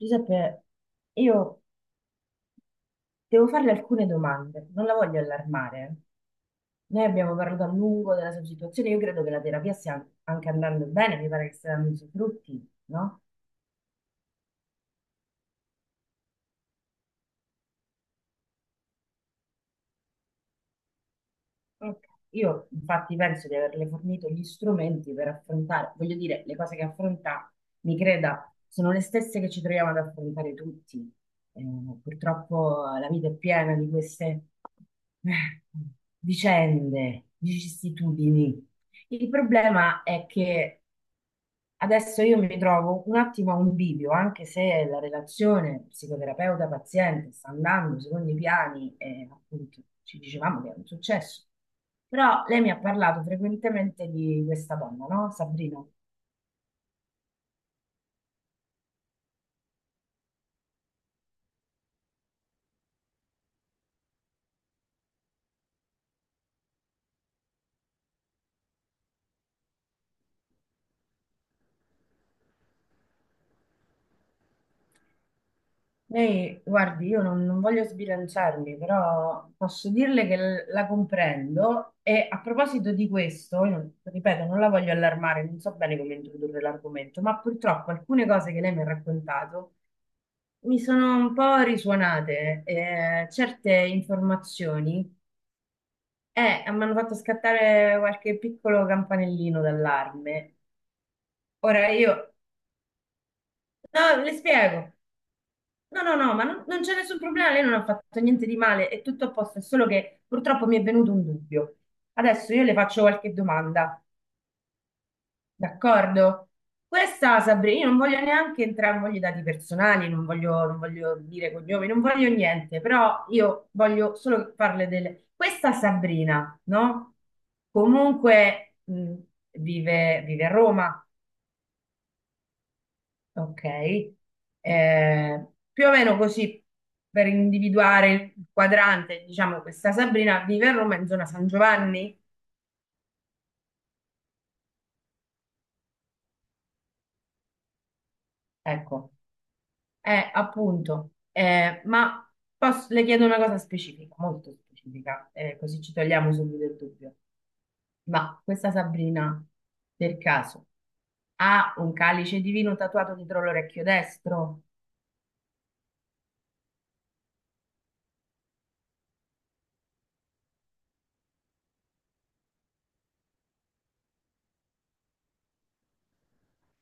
Giuseppe, io devo farle alcune domande, non la voglio allarmare. Noi abbiamo parlato a lungo della sua situazione, io credo che la terapia stia anche andando bene, mi pare che stia dando i suoi frutti, no? Ok. Io infatti penso di averle fornito gli strumenti per affrontare, voglio dire, le cose che affronta, mi creda, sono le stesse che ci troviamo ad affrontare tutti. Eh, Purtroppo la vita è piena di queste eh, vicende, vicissitudini. Il problema è che adesso io mi trovo un attimo a un bivio, anche se la relazione psicoterapeuta-paziente sta andando secondo i piani e appunto ci dicevamo che è un successo. Però lei mi ha parlato frequentemente di questa donna, no? Sabrina. Lei, guardi, io non voglio sbilanciarmi, però posso dirle che la comprendo e a proposito di questo, io non- ripeto, non la voglio allarmare, non so bene come introdurre l'argomento, ma purtroppo alcune cose che lei mi ha raccontato mi sono un po' risuonate, certe informazioni mi hanno fatto scattare qualche piccolo campanellino d'allarme. Ora io, no, Le spiego. No, no, no, ma non c'è nessun problema, lei non ha fatto niente di male, è tutto a posto, è solo che purtroppo mi è venuto un dubbio. Adesso io le faccio qualche domanda, d'accordo? Questa, Sabrina, io non voglio neanche entrare, non voglio i dati personali, non voglio dire cognomi, non voglio niente, però io voglio solo farle delle... Questa Sabrina, no? Comunque vive a Roma. Ok. Eh, Più o meno così per individuare il quadrante, diciamo, questa Sabrina vive a Roma in zona San Giovanni? Ecco, appunto. Le chiedo una cosa specifica, molto specifica, così ci togliamo subito il dubbio. Ma questa Sabrina, per caso, ha un calice di vino tatuato dietro l'orecchio destro?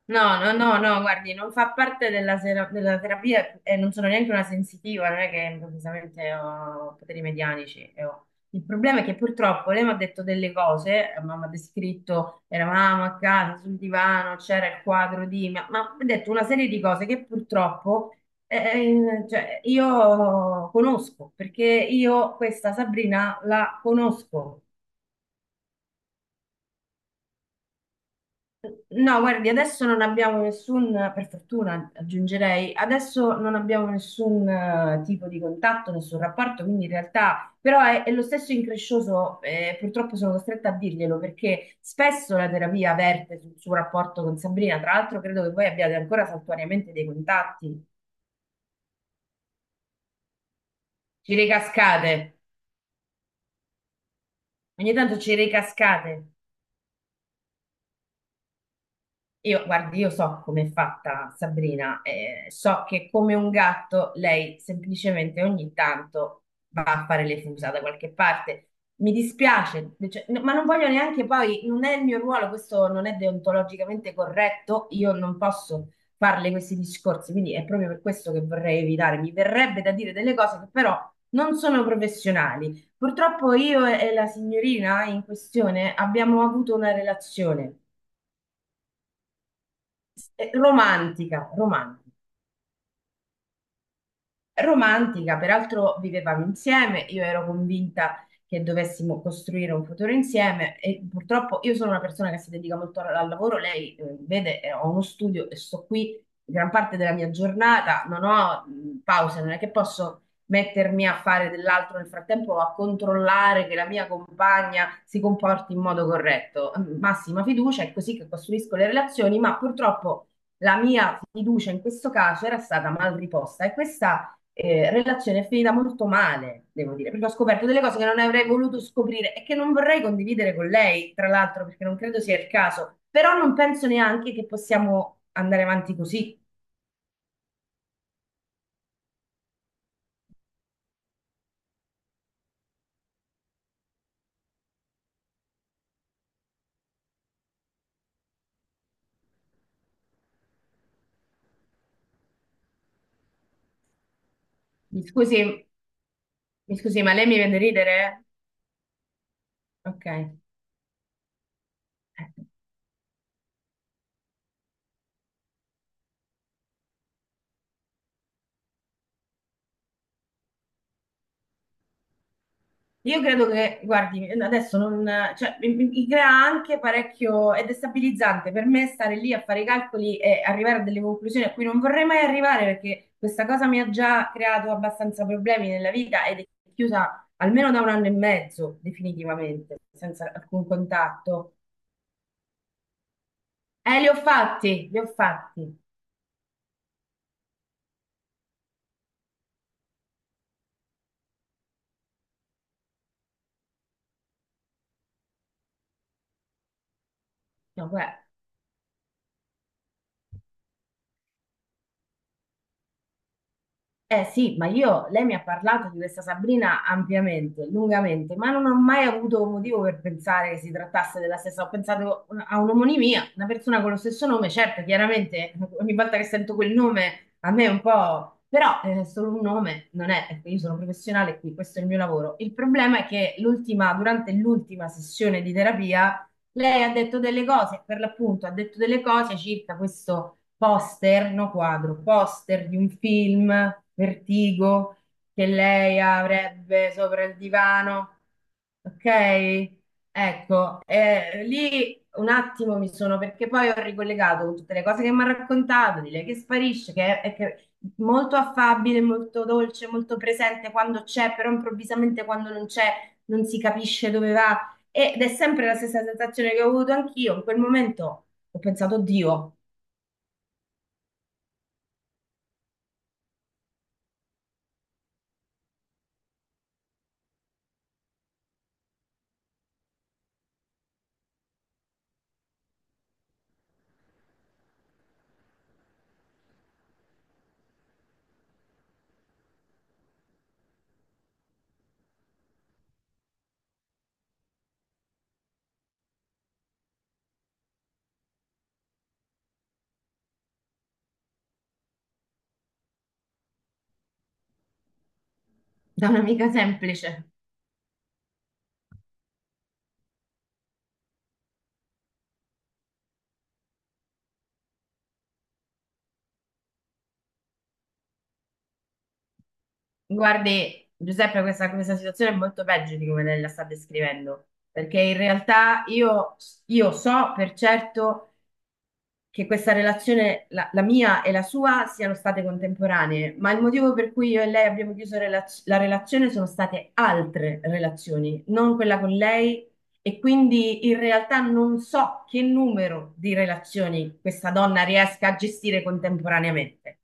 No, no, no, no, guardi, non fa parte della terapia e non sono neanche una sensitiva, non è che improvvisamente ho poteri medianici. Il problema è che purtroppo lei mi ha detto delle cose, ma mi ha descritto, eravamo a casa sul divano, c'era il quadro di, ma mi ha detto una serie di cose che purtroppo cioè, io conosco, perché io questa Sabrina la conosco. No, guardi, adesso non abbiamo nessun, per fortuna aggiungerei, adesso non abbiamo nessun tipo di contatto, nessun rapporto, quindi in realtà però è lo stesso increscioso, purtroppo sono costretta a dirglielo perché spesso la terapia verte sul suo rapporto con Sabrina, tra l'altro credo che voi abbiate ancora saltuariamente dei contatti, ci ricascate, ogni tanto ci ricascate. Io, guardi, io so come è fatta Sabrina, so che come un gatto lei semplicemente ogni tanto va a fare le fusa da qualche parte. Mi dispiace, cioè, no, ma non voglio neanche poi, non è il mio ruolo, questo non è deontologicamente corretto, io non posso farle questi discorsi, quindi è proprio per questo che vorrei evitare. Mi verrebbe da dire delle cose che però non sono professionali. Purtroppo io e la signorina in questione abbiamo avuto una relazione romantica, romantica, peraltro vivevamo insieme, io ero convinta che dovessimo costruire un futuro insieme e purtroppo io sono una persona che si dedica molto al lavoro, lei vede, ho uno studio e sto qui gran parte della mia giornata, non ho pause, non è che posso mettermi a fare dell'altro nel frattempo o a controllare che la mia compagna si comporti in modo corretto. Mm. Massima fiducia, è così che costruisco le relazioni, ma purtroppo la mia fiducia in questo caso era stata mal riposta e questa relazione è finita molto male, devo dire, perché ho scoperto delle cose che non avrei voluto scoprire e che non vorrei condividere con lei, tra l'altro, perché non credo sia il caso, però non penso neanche che possiamo andare avanti così. Mi scusi, mi scusi, ma lei mi vede ridere? Ok. Eh, Io credo che, guardi, adesso non, cioè, mi crea anche parecchio, è destabilizzante per me stare lì a fare i calcoli e arrivare a delle conclusioni a cui non vorrei mai arrivare perché questa cosa mi ha già creato abbastanza problemi nella vita ed è chiusa almeno da un anno e mezzo, definitivamente, senza alcun contatto. Li ho fatti, li ho fatti. No, guarda. Eh sì, ma io, lei mi ha parlato di questa Sabrina ampiamente, lungamente, ma non ho mai avuto motivo per pensare che si trattasse della stessa. Ho pensato a un'omonimia, una persona con lo stesso nome, certo, chiaramente ogni volta che sento quel nome a me è un po'... però è solo un nome, non è... ecco. Io sono professionale qui, questo è il mio lavoro. Il problema è che l'ultima, durante l'ultima sessione di terapia, lei ha detto delle cose, per l'appunto ha detto delle cose circa questo poster, no quadro, poster di un film, Vertigo, che lei avrebbe sopra il divano. Ok? Ecco, lì un attimo mi sono, perché poi ho ricollegato con tutte le cose che mi ha raccontato, di lei che sparisce, che è che- molto affabile, molto dolce, molto presente quando c'è, però improvvisamente quando non c'è non si capisce dove va. Ed è sempre la stessa sensazione che ho avuto anch'io. In quel momento ho pensato, Dio. Da un'amica semplice. Guardi, Giuseppe, questa situazione è molto peggio di come lei la sta descrivendo, perché in realtà io so per certo che questa relazione, la mia e la sua, siano state contemporanee, ma il motivo per cui io e lei abbiamo chiuso la relazione sono state altre relazioni, non quella con lei, e quindi in realtà non so che numero di relazioni questa donna riesca a gestire contemporaneamente.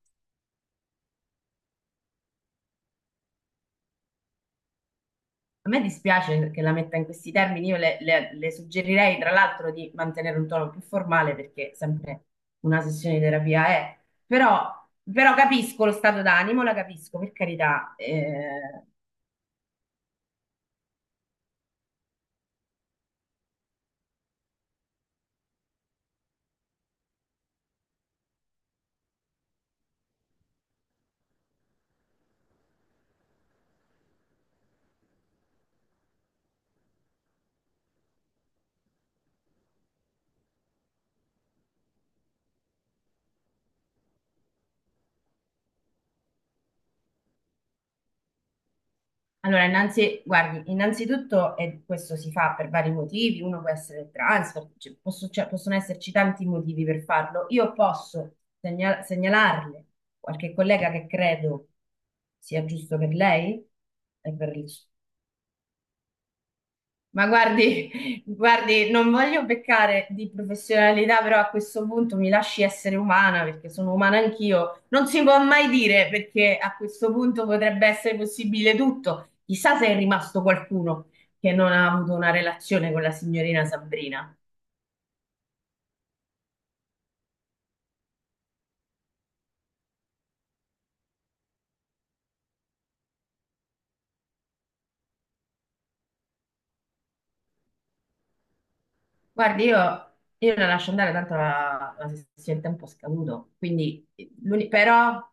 A me dispiace che la metta in questi termini, io le suggerirei tra l'altro di mantenere un tono più formale perché sempre una sessione di terapia è, però, però capisco lo stato d'animo, la capisco, per carità. Guardi, innanzitutto, e questo si fa per vari motivi, uno può essere transfer, cioè, possono esserci tanti motivi per farlo, io posso segnalarle qualche collega che credo sia giusto per lei e per il... Ma guardi, guardi, non voglio peccare di professionalità, però a questo punto mi lasci essere umana perché sono umana anch'io. Non si può mai dire perché a questo punto potrebbe essere possibile tutto. Chissà se è rimasto qualcuno che non ha avuto una relazione con la signorina Sabrina. Guardi, io la lascio andare, tanto la sessione è tempo scaduto. Quindi, però.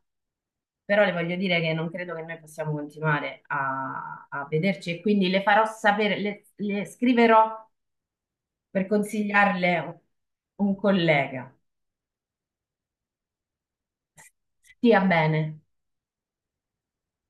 Però le voglio dire che non credo che noi possiamo continuare a, a vederci e quindi le farò sapere, le scriverò per consigliarle un collega. Stia bene.